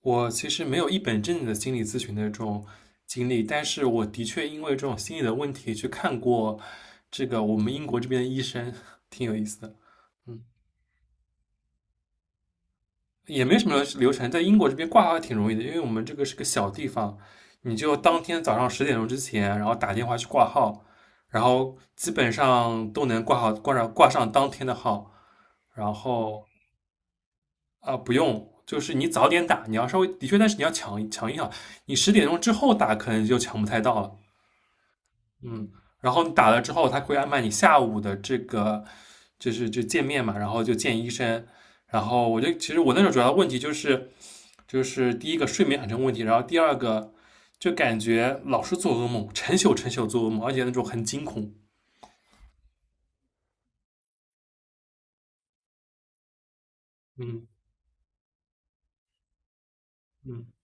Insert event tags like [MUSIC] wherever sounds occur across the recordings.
我其实没有一本正经的心理咨询的这种经历，但是我的确因为这种心理的问题去看过这个我们英国这边的医生，[LAUGHS] 挺有意思的。嗯，也没什么流程，在英国这边挂号挺容易的，因为我们这个是个小地方，你就当天早上十点钟之前，然后打电话去挂号，然后基本上都能挂上当天的号，然后啊，不用。就是你早点打，你要稍微的确，但是你要抢一抢，你十点钟之后打可能就抢不太到了。嗯，然后你打了之后，他会安排你下午的这个，就是就见面嘛，然后就见医生。然后其实我那时候主要的问题就是第一个睡眠很成问题，然后第二个就感觉老是做噩梦，成宿成宿做噩梦，而且那种很惊恐。嗯嗯。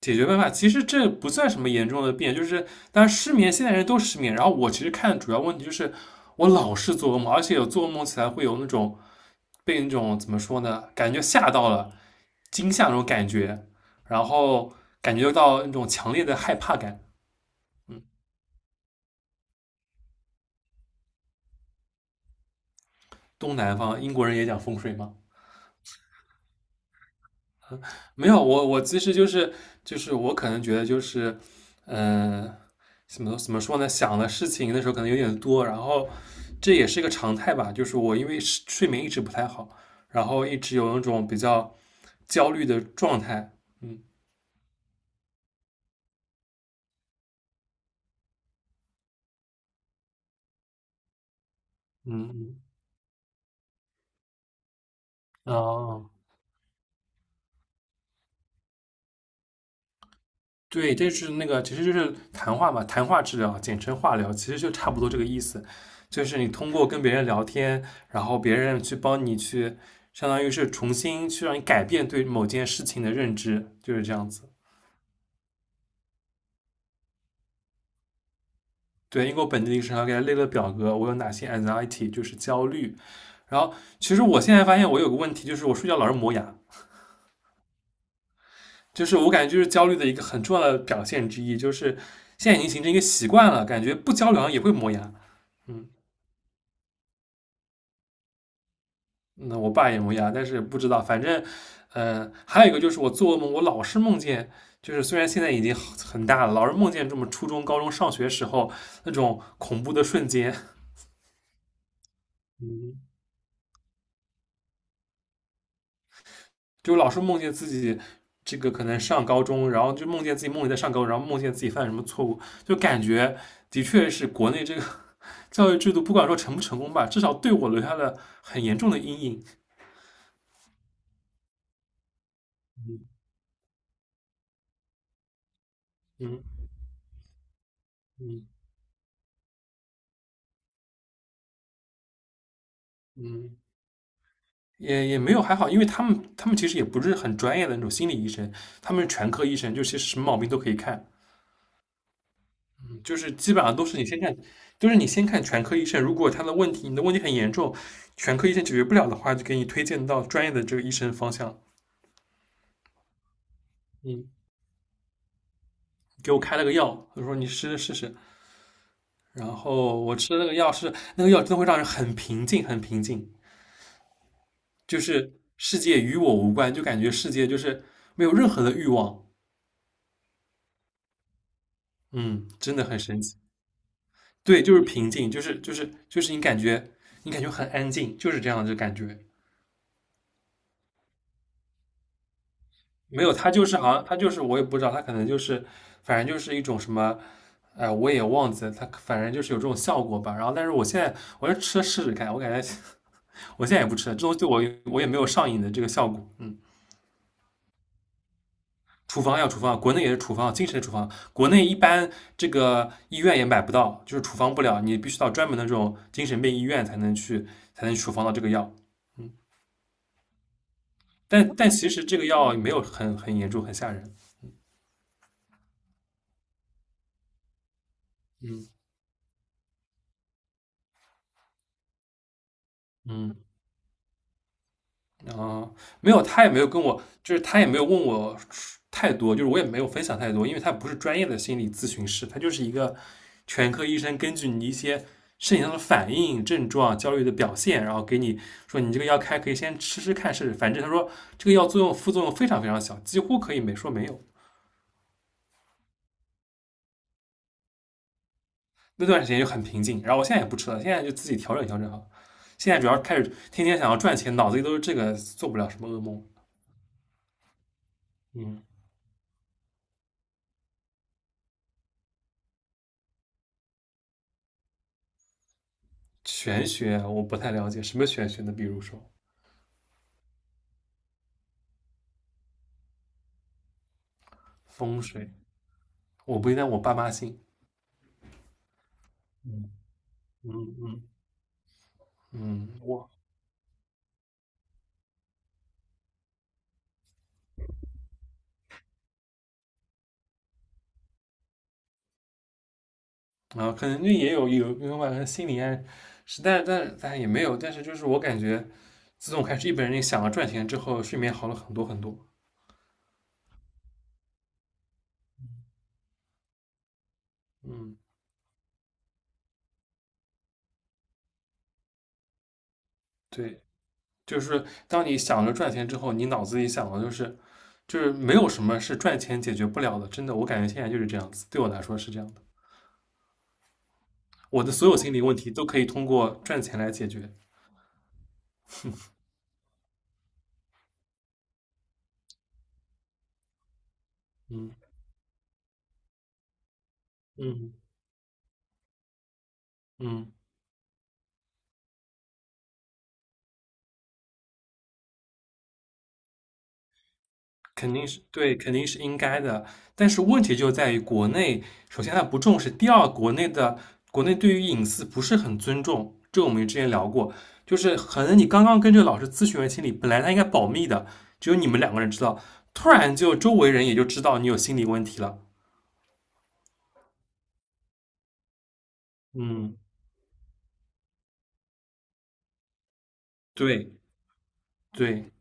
解决办法，其实这不算什么严重的病，就是当然失眠，现在人都失眠。然后我其实看主要问题就是我老是做噩梦，而且有做噩梦起来会有那种被那种怎么说呢，感觉吓到了，惊吓那种感觉，然后感觉到那种强烈的害怕感。东南方英国人也讲风水嘛，没有，我其实就是我可能觉得就是，嗯，怎么说呢？想的事情那时候可能有点多，然后这也是一个常态吧。就是我因为是睡眠一直不太好，然后一直有那种比较焦虑的状态。嗯嗯嗯，哦，对，这是那个，其实就是谈话嘛，谈话治疗，简称话疗，其实就差不多这个意思。就是你通过跟别人聊天，然后别人去帮你去，相当于是重新去让你改变对某件事情的认知，就是这样子。对，因为我本地医生还给他列了表格，我有哪些 anxiety，就是焦虑。然后其实我现在发现我有个问题，就是我睡觉老是磨牙，就是我感觉就是焦虑的一个很重要的表现之一，就是现在已经形成一个习惯了，感觉不焦虑好像也会磨牙。嗯。那我爸也磨牙，但是不知道，反正，呃，还有一个就是我做噩梦，我老是梦见，就是虽然现在已经很大了，老是梦见这么初中、高中上学时候那种恐怖的瞬间，嗯，就老是梦见自己这个可能上高中，然后就梦见自己梦里在上高中，然后梦见自己犯什么错误，就感觉的确是国内这个 [LAUGHS] 教育制度，不管说成不成功吧，至少对我留下了很严重的阴影，嗯嗯嗯。也没有还好，因为他们其实也不是很专业的那种心理医生，他们是全科医生，就其实什么毛病都可以看，嗯就是基本上都是你先看，就是你先看全科医生，如果他的问题你的问题很严重，全科医生解决不了的话，就给你推荐到专业的这个医生方向。嗯，给我开了个药，他说你吃试试，然后我吃了那个药是那个药真的会让人很平静，很平静，就是世界与我无关，就感觉世界就是没有任何的欲望，嗯，真的很神奇。对，就是平静，就是你感觉很安静，就是这样的感觉。没有，他就是好像他就是我也不知道，他可能就是反正就是一种什么，哎、我也忘记了，他反正就是有这种效果吧。然后，但是我现在我要吃了试试看，我感觉我现在也不吃了，这东西对我也没有上瘾的这个效果。嗯，处方药，国内也是处方药，精神处方药，国内一般这个医院也买不到，就是处方不了，你必须到专门的这种精神病医院才能去才能处方到这个药。但其实这个药没有很严重，很吓人。嗯嗯，然后没有，他也没有跟我，就是他也没有问我太多，就是我也没有分享太多，因为他不是专业的心理咨询师，他就是一个全科医生，根据你一些身体上的反应、症状、焦虑的表现，然后给你说你这个药开可以先吃吃看试试。反正他说这个药作用副作用非常非常小，几乎可以没说没有。那段时间就很平静，然后我现在也不吃了，现在就自己调整调整哈。现在主要开始天天想要赚钱，脑子里都是这个，做不了什么噩梦。嗯，玄学啊我不太了解，什么玄学呢？比如说风水，我不该我爸妈信，嗯嗯嗯，嗯，我啊，可能就也有吧，可能心理暗示，在但是也没有，但是就是我感觉，自从开始一本人想要赚钱之后，睡眠好了很多很多。嗯，对，就是当你想着赚钱之后，你脑子里想的就是没有什么是赚钱解决不了的。真的，我感觉现在就是这样子，对我来说是这样的。我的所有心理问题都可以通过赚钱来解决。嗯嗯嗯。肯定是对，肯定是应该的。但是问题就在于国内，首先他不重视，第二，国内对于隐私不是很尊重。这我们之前聊过，就是可能你刚刚跟这个老师咨询完心理，本来他应该保密的，只有你们两个人知道，突然就周围人也就知道你有心理问题了。嗯，对对。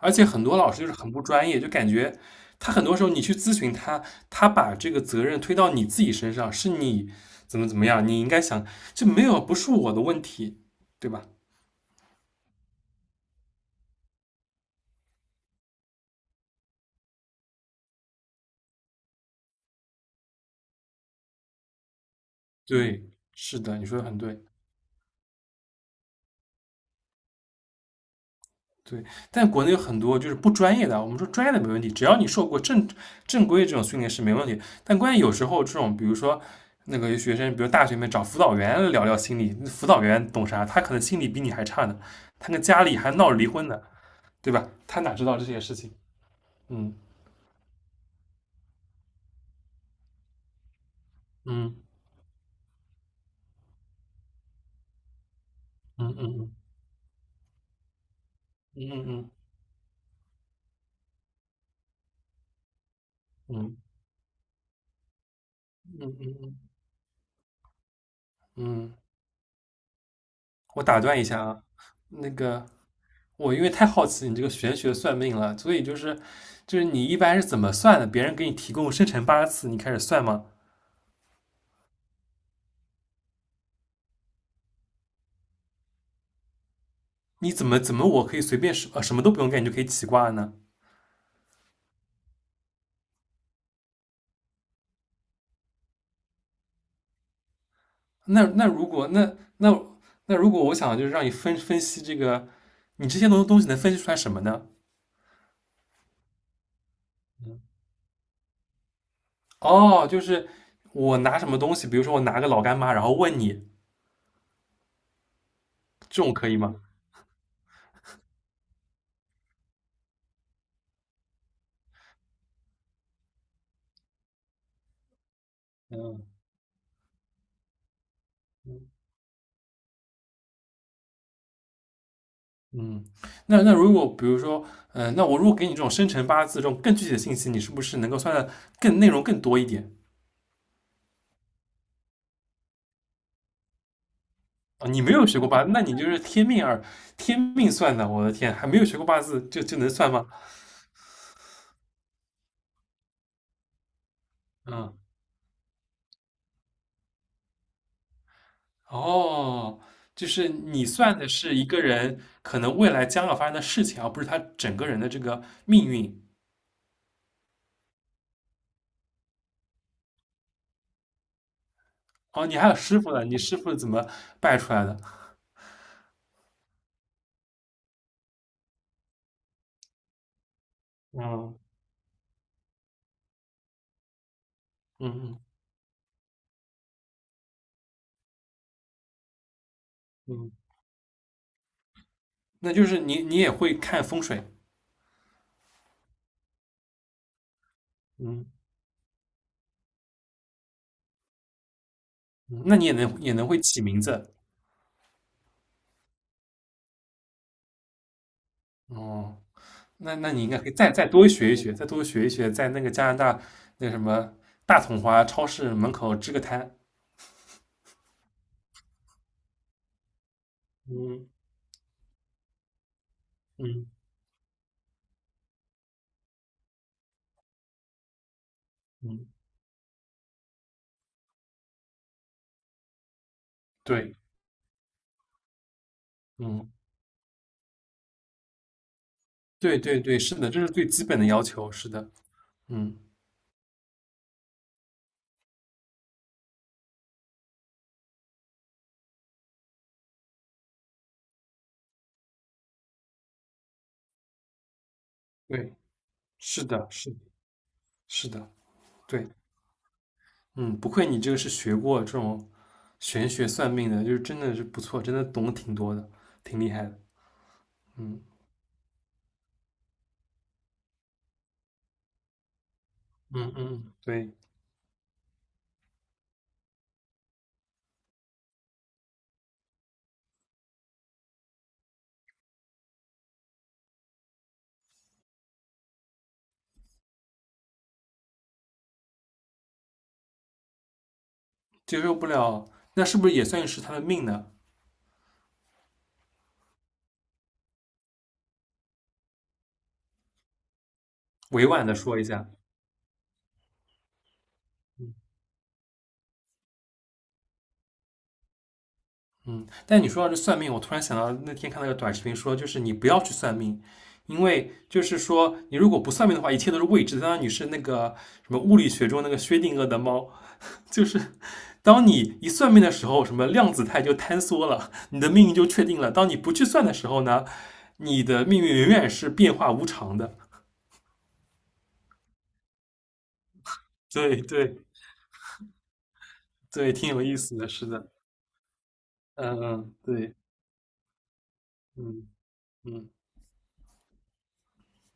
而且很多老师就是很不专业，就感觉他很多时候你去咨询他，他把这个责任推到你自己身上，是你怎么怎么样，你应该想，就没有不是我的问题，对吧？对，是的，你说的很对，对。但国内有很多就是不专业的，我们说专业的没问题，只要你受过正规这种训练是没问题。但关键有时候这种，比如说那个有学生，比如大学里面找辅导员聊聊心理，辅导员懂啥？他可能心理比你还差呢，他跟家里还闹离婚呢。对吧？他哪知道这些事情？嗯嗯嗯嗯嗯嗯嗯嗯嗯嗯，我打断一下啊，那个我因为太好奇你这个玄学算命了，所以就是你一般是怎么算的？别人给你提供生辰八字，你开始算吗？你怎么我可以随便什么都不用干，你就可以起卦呢？那那如果那那那如果我想就是让你分析这个，你这些东西能分析出来什么呢？哦，就是我拿什么东西，比如说我拿个老干妈，然后问你这种可以吗？嗯，嗯，那如果比如说，呃，那我如果给你这种生辰八字这种更具体的信息，你是不是能够算的更内容更多一点啊？你没有学过八，那你就是天命二，天命算的，我的天，还没有学过八字就能算吗？嗯，哦，就是你算的是一个人可能未来将要发生的事情，而不是他整个人的这个命运。哦，你还有师傅呢，你师傅怎么拜出来的？嗯嗯嗯，嗯那就是你也会看风水。嗯，嗯那你也能会起名字哦。那你应该可以再多学一学，再多学一学，在那个加拿大那什么大统华超市门口支个摊。嗯嗯嗯，对，嗯对对对，是的，这是最基本的要求。是的，嗯，对，是的，是的是的，对，嗯，不愧你这个是学过这种玄学算命的，就是真的是不错，真的懂得挺多的，挺厉害的。嗯嗯嗯，对。接受不了，那是不是也算是他的命呢？委婉的说一下，嗯。但你说到这算命，我突然想到那天看那个短视频说，就是你不要去算命，因为就是说你如果不算命的话，一切都是未知的。当然你是那个什么物理学中那个薛定谔的猫，就是当你一算命的时候，什么量子态就坍缩了，你的命运就确定了。当你不去算的时候呢，你的命运永远是变化无常的。对对对，挺有意思的，是的，嗯嗯，对，嗯嗯。